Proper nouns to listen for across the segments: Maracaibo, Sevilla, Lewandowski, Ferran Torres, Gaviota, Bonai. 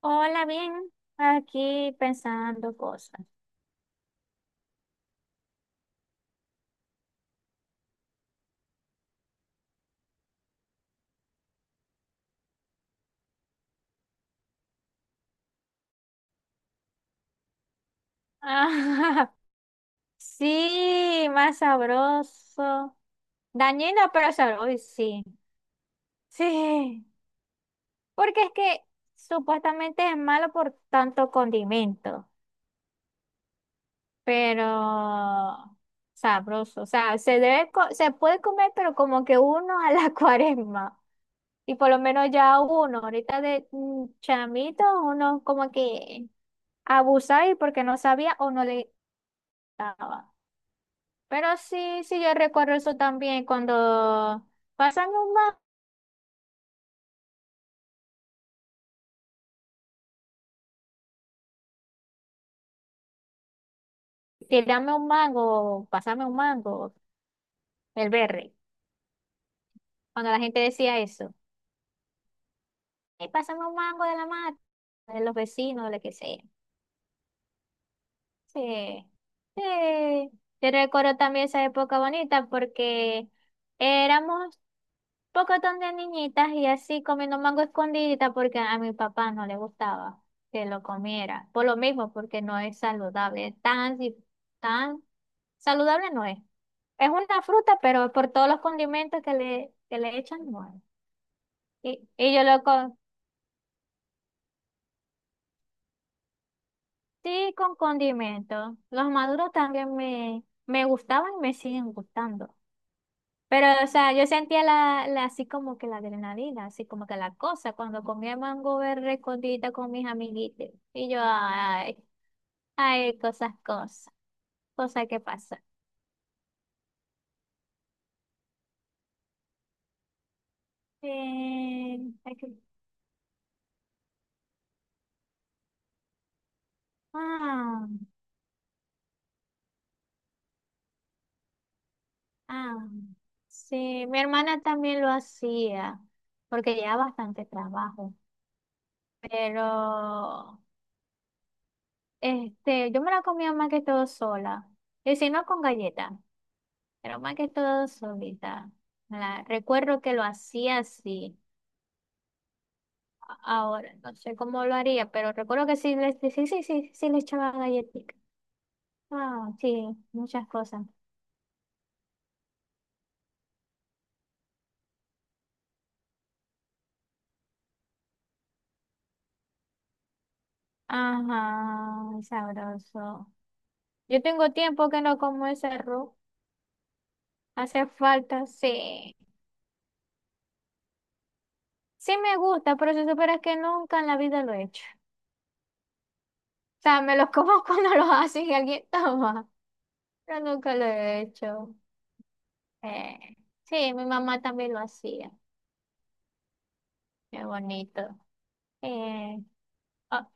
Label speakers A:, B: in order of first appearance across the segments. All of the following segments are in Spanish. A: Hola, bien. Aquí pensando cosas. Ah, sí, más sabroso. Dañino, pero sabroso. Uy, sí. Sí. Porque es que supuestamente es malo por tanto condimento. Pero sabroso. O sea, se puede comer, pero como que uno a la cuaresma. Y por lo menos ya uno, ahorita de chamito, uno como que abusaba y porque no sabía o no le daba. Pero sí, sí, yo recuerdo eso también cuando pásame un mango, tirame un mango, pásame un mango, el berre. Cuando la gente decía eso, "Ey, pásame un mango de la mata, de los vecinos, de lo que sea". Sí, sí. Yo recuerdo también esa época bonita porque éramos pocotón de niñitas y así comiendo mango escondidita porque a mi papá no le gustaba que lo comiera. Por lo mismo, porque no es saludable. Tan saludable no es. Es una fruta, pero por todos los condimentos que le echan, no es. Y, y yo lo con, sí con condimentos. Los maduros también me gustaban y me siguen gustando. Pero, o sea, yo sentía así como que la adrenalina, así como que la cosa, cuando comía mango verde escondida con mis amiguitos. Y yo, ay, ay, cosas, cosas, cosas que pasan. Eh, hay que- ah, ah, sí, mi hermana también lo hacía, porque llevaba bastante trabajo. Pero, este, yo me la comía más que todo sola, y si no con galletas. Pero más que todo solita. Recuerdo que lo hacía así. Ahora no sé cómo lo haría, pero recuerdo que sí, le, sí, sí, sí, sí le echaba galletitas. Ah, sí, muchas cosas. Ajá, sabroso. Yo tengo tiempo que no como ese arroz. Hace falta, sí. Sí me gusta, pero si supieras que nunca en la vida lo he hecho. O sea, me los como cuando los hace y alguien toma, pero nunca lo he hecho. Eh, sí, mi mamá también lo hacía. Qué bonito. Eh, ah,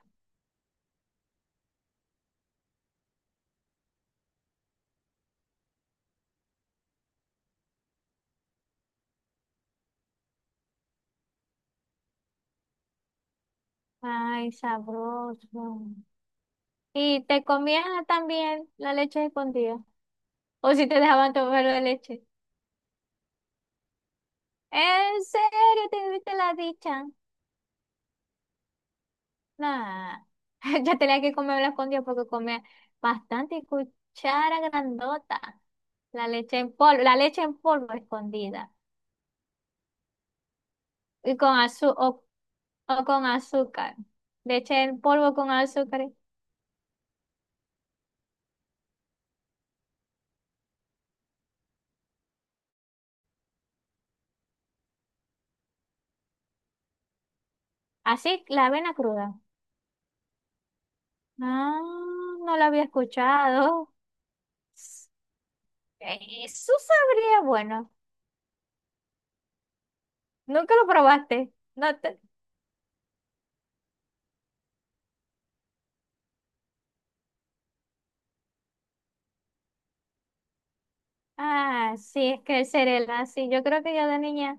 A: ay, sabroso. ¿Y te comías también la leche escondida? ¿O si te dejaban tomar la leche? ¿En serio te viste la dicha? Nah, ya tenía que comer la escondida porque comía bastante cuchara grandota. La leche en polvo escondida. Y con azúcar o, o con azúcar. Leche en polvo con azúcar. Así, la avena cruda. Ah, no lo había escuchado. Eso sabría, bueno, nunca lo probaste. No te- Ah, sí, es que el cerela, sí, yo creo que yo de niña,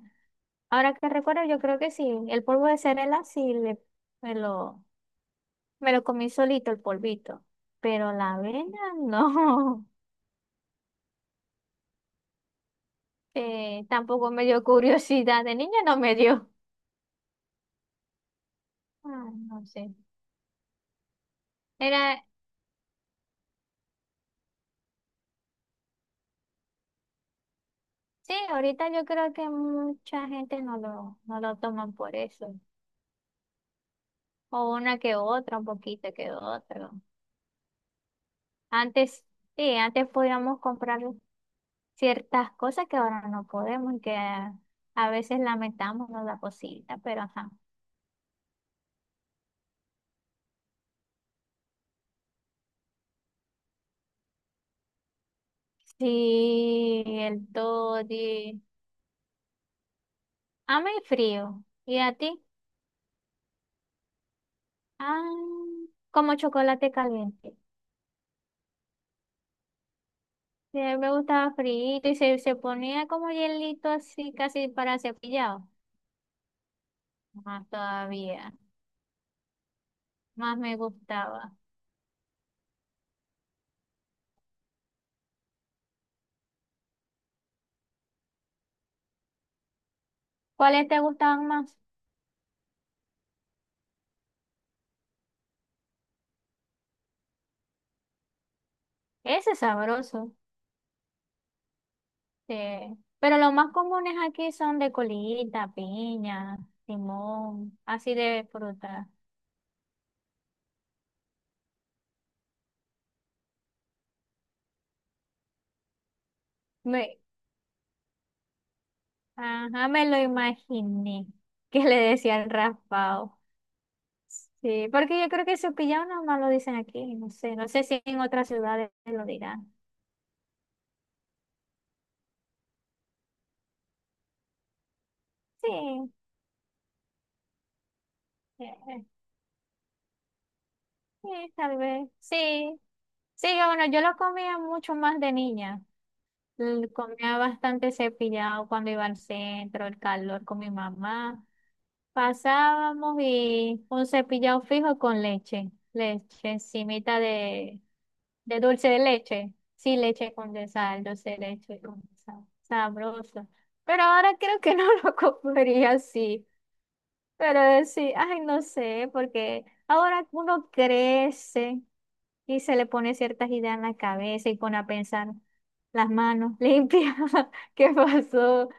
A: ahora que recuerdo, yo creo que sí, el polvo de cerela sí le, me lo, me lo comí solito el polvito, pero la avena no, tampoco me dio curiosidad, de niña no me dio. Ah, no sé. Era, sí, ahorita yo creo que mucha gente no lo, no lo toman por eso. O una que otra, un poquito que otro. Antes, sí, antes podíamos comprar ciertas cosas que ahora no podemos y que a veces lamentamos, ¿no?, la cosita, pero ajá. Sí, el toddy. A mí frío. ¿Y a ti? Ah, como chocolate caliente. Sí, me gustaba frío y se ponía como hielito así, casi para cepillado. Más todavía. Más me gustaba. ¿Cuáles te gustaban más? Ese es sabroso. Sí. Pero los más comunes aquí son de colita, piña, limón, así de fruta. Me, ajá, me lo imaginé que le decían raspado. Sí, porque yo creo que su pillado más lo dicen aquí, no sé, no sé si en otras ciudades lo dirán. Sí, eh, eh, sí, tal vez, sí, sí, yo, bueno, yo lo comía mucho más de niña. Comía bastante cepillado cuando iba al centro, el calor con mi mamá. Pasábamos y un cepillado fijo con leche, leche encimita de dulce de leche. Sí, leche condensada, dulce de leche condensada. Sabroso. Pero ahora creo que no lo comería así. Pero sí, ay, no sé, porque ahora uno crece. Y se le pone ciertas ideas en la cabeza y pone a pensar las manos limpias, ¿qué pasó?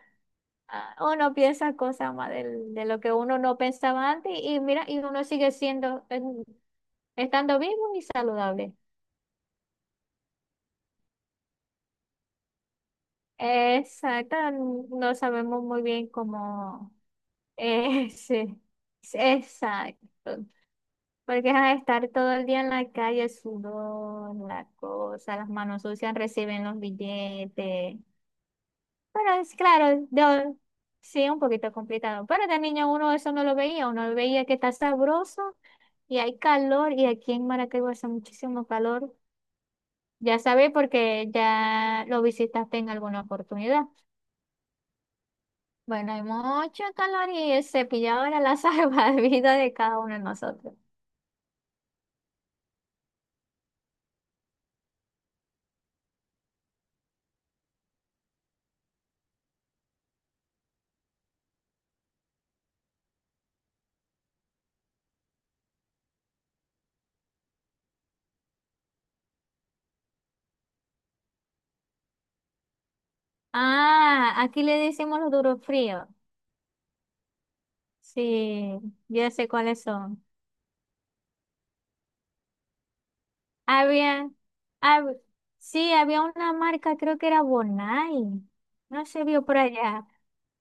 A: Ah, uno piensa cosas más de lo que uno no pensaba antes y mira, y uno sigue siendo, estando vivo y saludable. Exacto, no sabemos muy bien cómo es, exacto, porque a estar todo el día en la calle, el sudor, la cosa, las manos sucias, reciben los billetes. Pero es claro, sí, un poquito complicado. Pero de niño uno eso no lo veía, uno veía que está sabroso y hay calor y aquí en Maracaibo hace muchísimo calor. Ya sabes porque ya lo visitaste en alguna oportunidad. Bueno, hay mucho calor y el cepillado era la salvavidas de cada uno de nosotros. Ah, aquí le decimos los duros fríos. Sí, ya sé cuáles son. Había, hab- sí, había una marca, creo que era Bonai. No se vio por allá.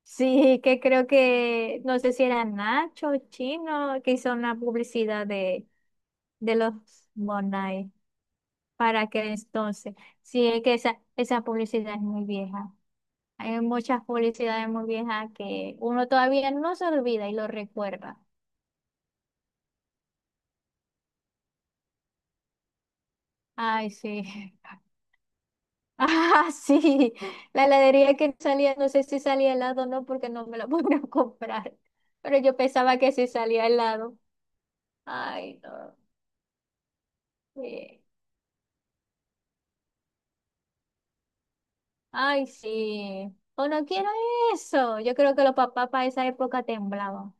A: Sí, que creo que, no sé si era Nacho, Chino, que hizo una publicidad de los Bonai para aquel entonces. Sí, es que esa publicidad es muy vieja. Hay muchas publicidades muy viejas que uno todavía no se olvida y lo recuerda. Ay, sí. Ah, sí, la heladería que salía, no sé si salía helado o no, porque no me la pude comprar, pero yo pensaba que sí salía helado. Ay, no, sí. Ay, sí. O no quiero eso. Yo creo que los papás para esa época temblaban.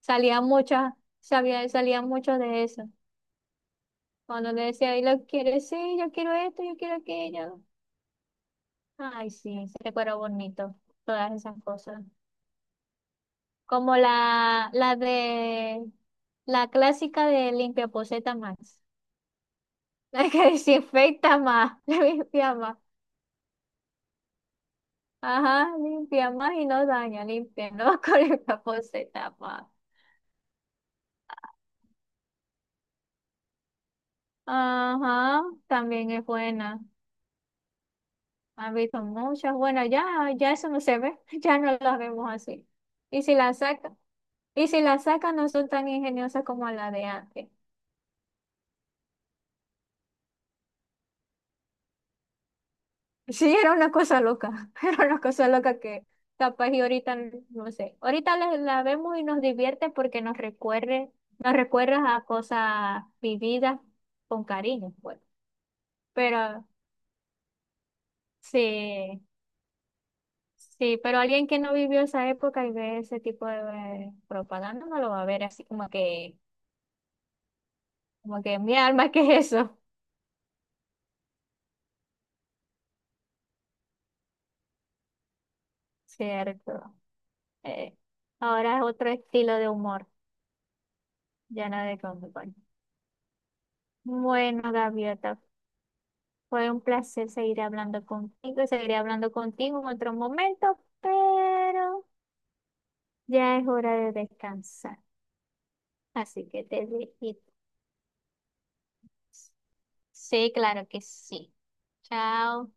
A: Salían muchas, sabía, salían mucho de eso. Cuando le decía, ¿y lo quieres? Sí, yo quiero esto, yo quiero aquello. Ay, sí, se recuerda bonito, todas esas cosas. Como la de la clásica de limpiaposeta más. La que desinfecta más, limpia más. Ajá, limpia más y no daña, limpia, ¿no? Con limpiaposeta más. Ajá, también es buena. Han visto muchas. Bueno, ya, ya eso no se ve, ya no las vemos así. Y si la saca y si la sacan no son tan ingeniosas como la de antes. Sí, era una cosa loca, era una cosa loca que capaz y ahorita, no sé, ahorita la vemos y nos divierte porque nos recuerda a cosas vividas con cariño, pues. Pero sí, sí, pero alguien que no vivió esa época y ve ese tipo de propaganda no lo va a ver así como que mi alma, ¿qué es eso? Cierto. Eh, ahora es otro estilo de humor, ya no de con- Bueno, Gaviota. Fue un placer seguir hablando contigo, seguiré hablando contigo en otro momento, pero ya es hora de descansar. Así que te dejo. Sí, claro que sí. Chao.